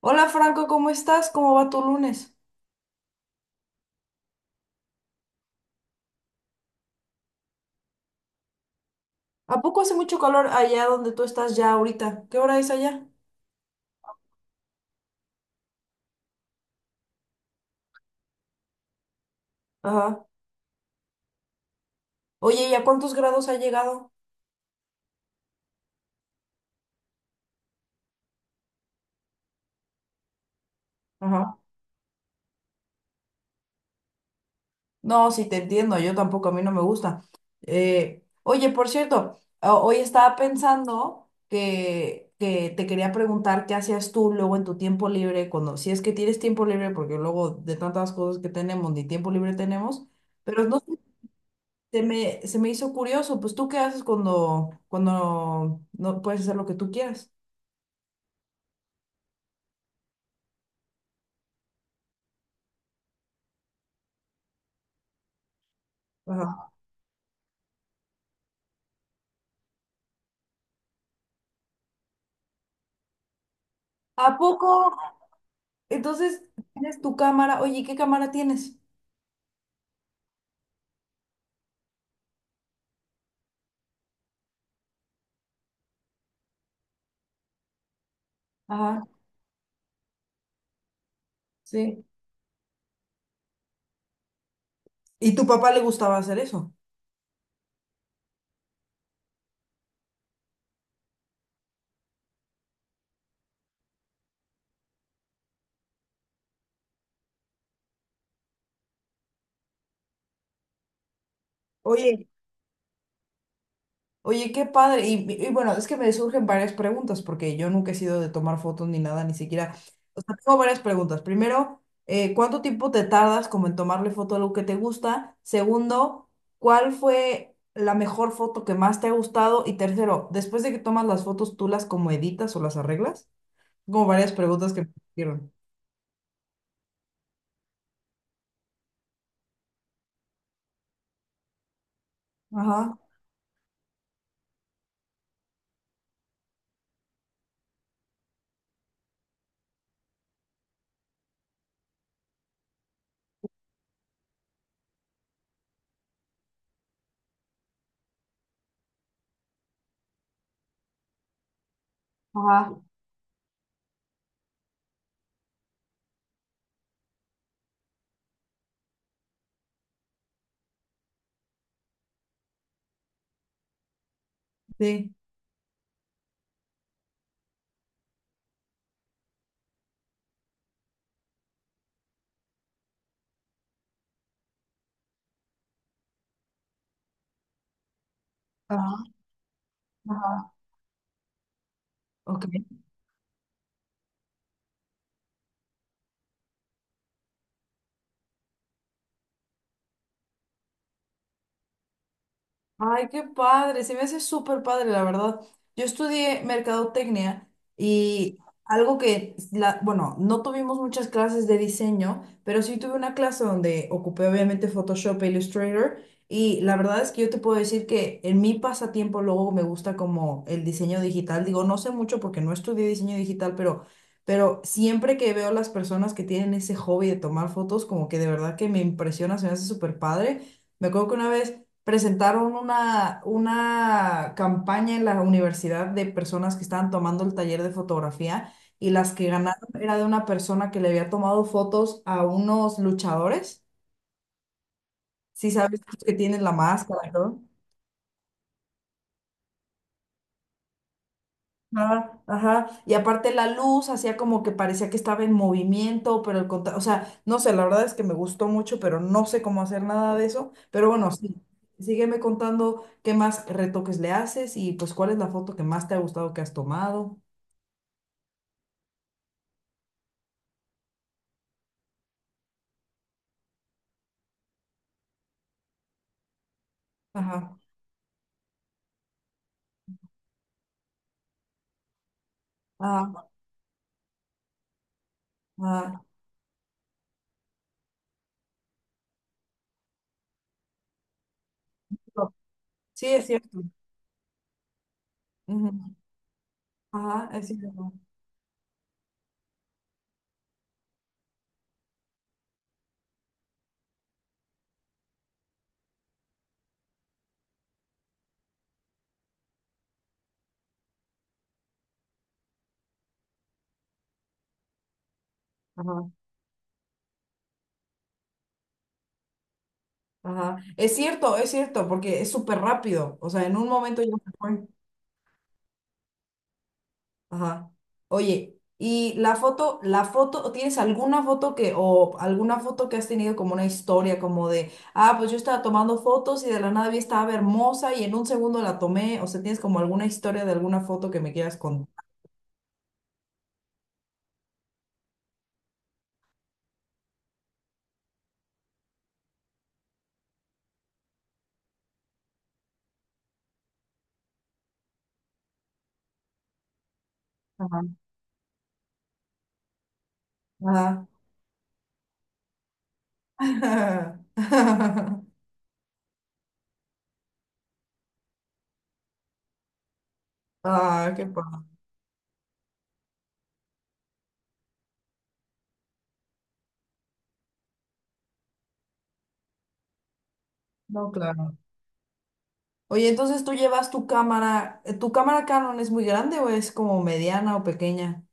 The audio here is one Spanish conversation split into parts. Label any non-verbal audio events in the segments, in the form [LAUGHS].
Hola Franco, ¿cómo estás? ¿Cómo va tu lunes? ¿A poco hace mucho calor allá donde tú estás ya ahorita? ¿Qué hora es allá? Ajá. Oye, ¿y a cuántos grados ha llegado? Ajá. No, sí te entiendo, yo tampoco, a mí no me gusta. Oye, por cierto, hoy estaba pensando que te quería preguntar qué hacías tú luego en tu tiempo libre, cuando si es que tienes tiempo libre, porque luego de tantas cosas que tenemos, ni tiempo libre tenemos, pero no sé. Se me hizo curioso, pues tú qué haces cuando no puedes hacer lo que tú quieras. Ajá. ¿A poco? Entonces, tienes tu cámara. Oye, ¿qué cámara tienes? Ajá, sí. ¿Y tu papá le gustaba hacer eso? Oye, oye, qué padre. Bueno, es que me surgen varias preguntas porque yo nunca he sido de tomar fotos ni nada, ni siquiera. O sea, tengo varias preguntas. Primero, ¿cuánto tiempo te tardas como en tomarle foto a algo que te gusta? Segundo, ¿cuál fue la mejor foto que más te ha gustado? Y tercero, después de que tomas las fotos, ¿tú las como editas o las arreglas? Como varias preguntas que me surgieron. Ajá, ajá, sí. Ajá, ajá. Ok. Ay, qué padre, se me hace súper padre, la verdad. Yo estudié mercadotecnia y algo que, bueno, no tuvimos muchas clases de diseño, pero sí tuve una clase donde ocupé obviamente Photoshop e Illustrator, y la verdad es que yo te puedo decir que en mi pasatiempo luego me gusta como el diseño digital. Digo, no sé mucho porque no estudié diseño digital, pero siempre que veo las personas que tienen ese hobby de tomar fotos, como que de verdad que me impresiona, se me hace súper padre. Me acuerdo que una vez presentaron una campaña en la universidad de personas que estaban tomando el taller de fotografía, y las que ganaron era de una persona que le había tomado fotos a unos luchadores, si sabes que tienen la máscara, ¿no? Ajá, ajá. Y aparte la luz hacía como que parecía que estaba en movimiento, pero o sea, no sé, la verdad es que me gustó mucho, pero no sé cómo hacer nada de eso. Pero bueno, sí, sígueme contando qué más retoques le haces y pues cuál es la foto que más te ha gustado que has tomado. Ajá, ajá, ajá. No, sí, es cierto. Ujú. Ajá, es cierto. Ajá, ajá. Es cierto, porque es súper rápido. O sea, en un momento ya se fue. Ajá. Oye, ¿y la foto, tienes alguna foto que, o alguna foto que has tenido como una historia, como de, ah, pues yo estaba tomando fotos y de la nada vi estaba hermosa y en un segundo la tomé? O sea, ¿tienes como alguna historia de alguna foto que me quieras contar? Ajá. Ajá. [LAUGHS] Ah, qué padre. No, claro. Oye, entonces tú llevas ¿tu cámara Canon es muy grande o es como mediana o pequeña?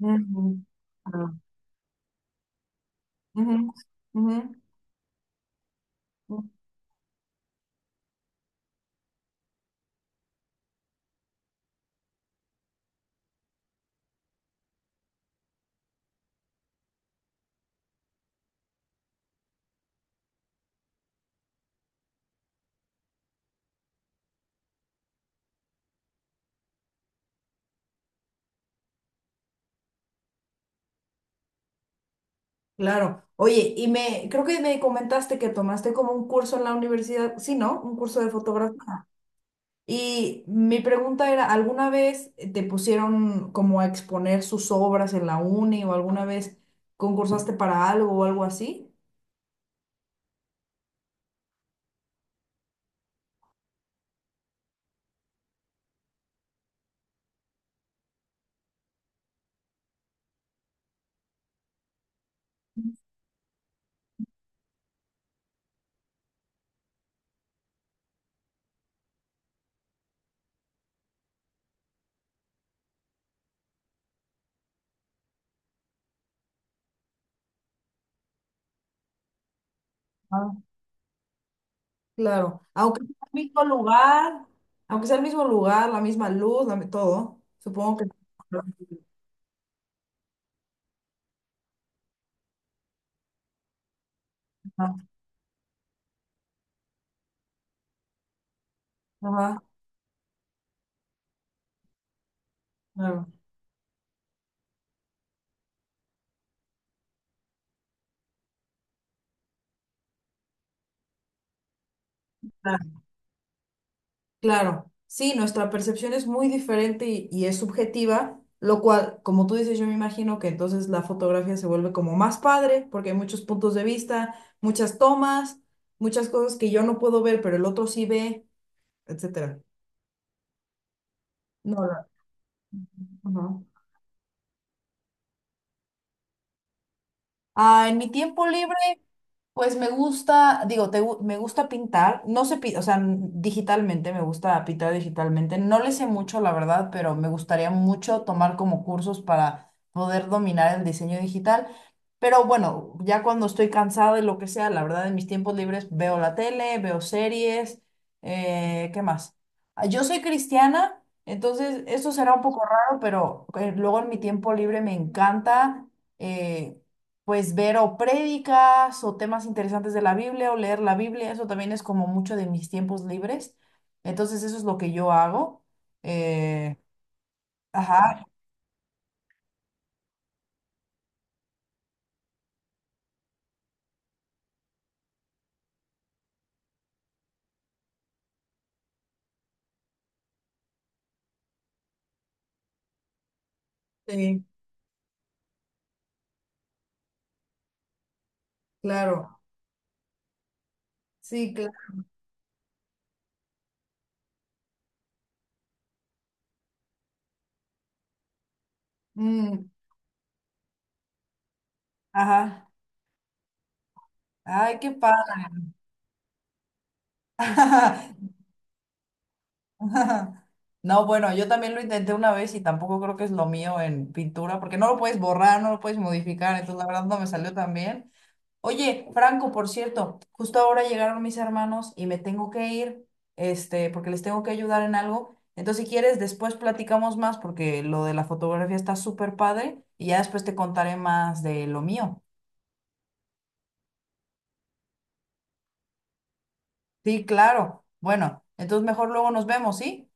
Ujú. Ah, ujú, ujú, ujú. Claro. Oye, y me, creo que me comentaste que tomaste como un curso en la universidad, sí, ¿no? Un curso de fotografía. Y mi pregunta era, ¿alguna vez te pusieron como a exponer sus obras en la uni o alguna vez concursaste para algo o algo así? Claro, aunque sea el mismo lugar, aunque sea el mismo lugar, la misma luz, todo, supongo que... [LAUGHS] Ajá, ajá, claro, claro. Claro. Sí, nuestra percepción es muy diferente y es subjetiva, lo cual, como tú dices, yo me imagino que entonces la fotografía se vuelve como más padre, porque hay muchos puntos de vista, muchas tomas, muchas cosas que yo no puedo ver, pero el otro sí ve, etcétera. No, la- Ajá. Ah, en mi tiempo libre. Pues me gusta, digo, me gusta pintar, no sé, o sea, digitalmente, me gusta pintar digitalmente, no le sé mucho, la verdad, pero me gustaría mucho tomar como cursos para poder dominar el diseño digital, pero bueno, ya cuando estoy cansada y lo que sea, la verdad, en mis tiempos libres veo la tele, veo series, ¿qué más? Ah, yo soy cristiana, entonces esto será un poco raro, pero luego en mi tiempo libre me encanta. eh, pues ver o prédicas o temas interesantes de la Biblia o leer la Biblia, eso también es como mucho de mis tiempos libres. Entonces eso es lo que yo hago. Eh, ajá, sí, claro, sí, claro. Mm, ajá, ay, qué padre. [LAUGHS] No, bueno, yo también lo intenté una vez y tampoco creo que es lo mío en pintura, porque no lo puedes borrar, no lo puedes modificar, entonces la verdad no me salió tan bien. Oye, Franco, por cierto, justo ahora llegaron mis hermanos y me tengo que ir, este, porque les tengo que ayudar en algo. Entonces, si quieres, después platicamos más porque lo de la fotografía está súper padre y ya después te contaré más de lo mío. Sí, claro. Bueno, entonces mejor luego nos vemos, ¿sí?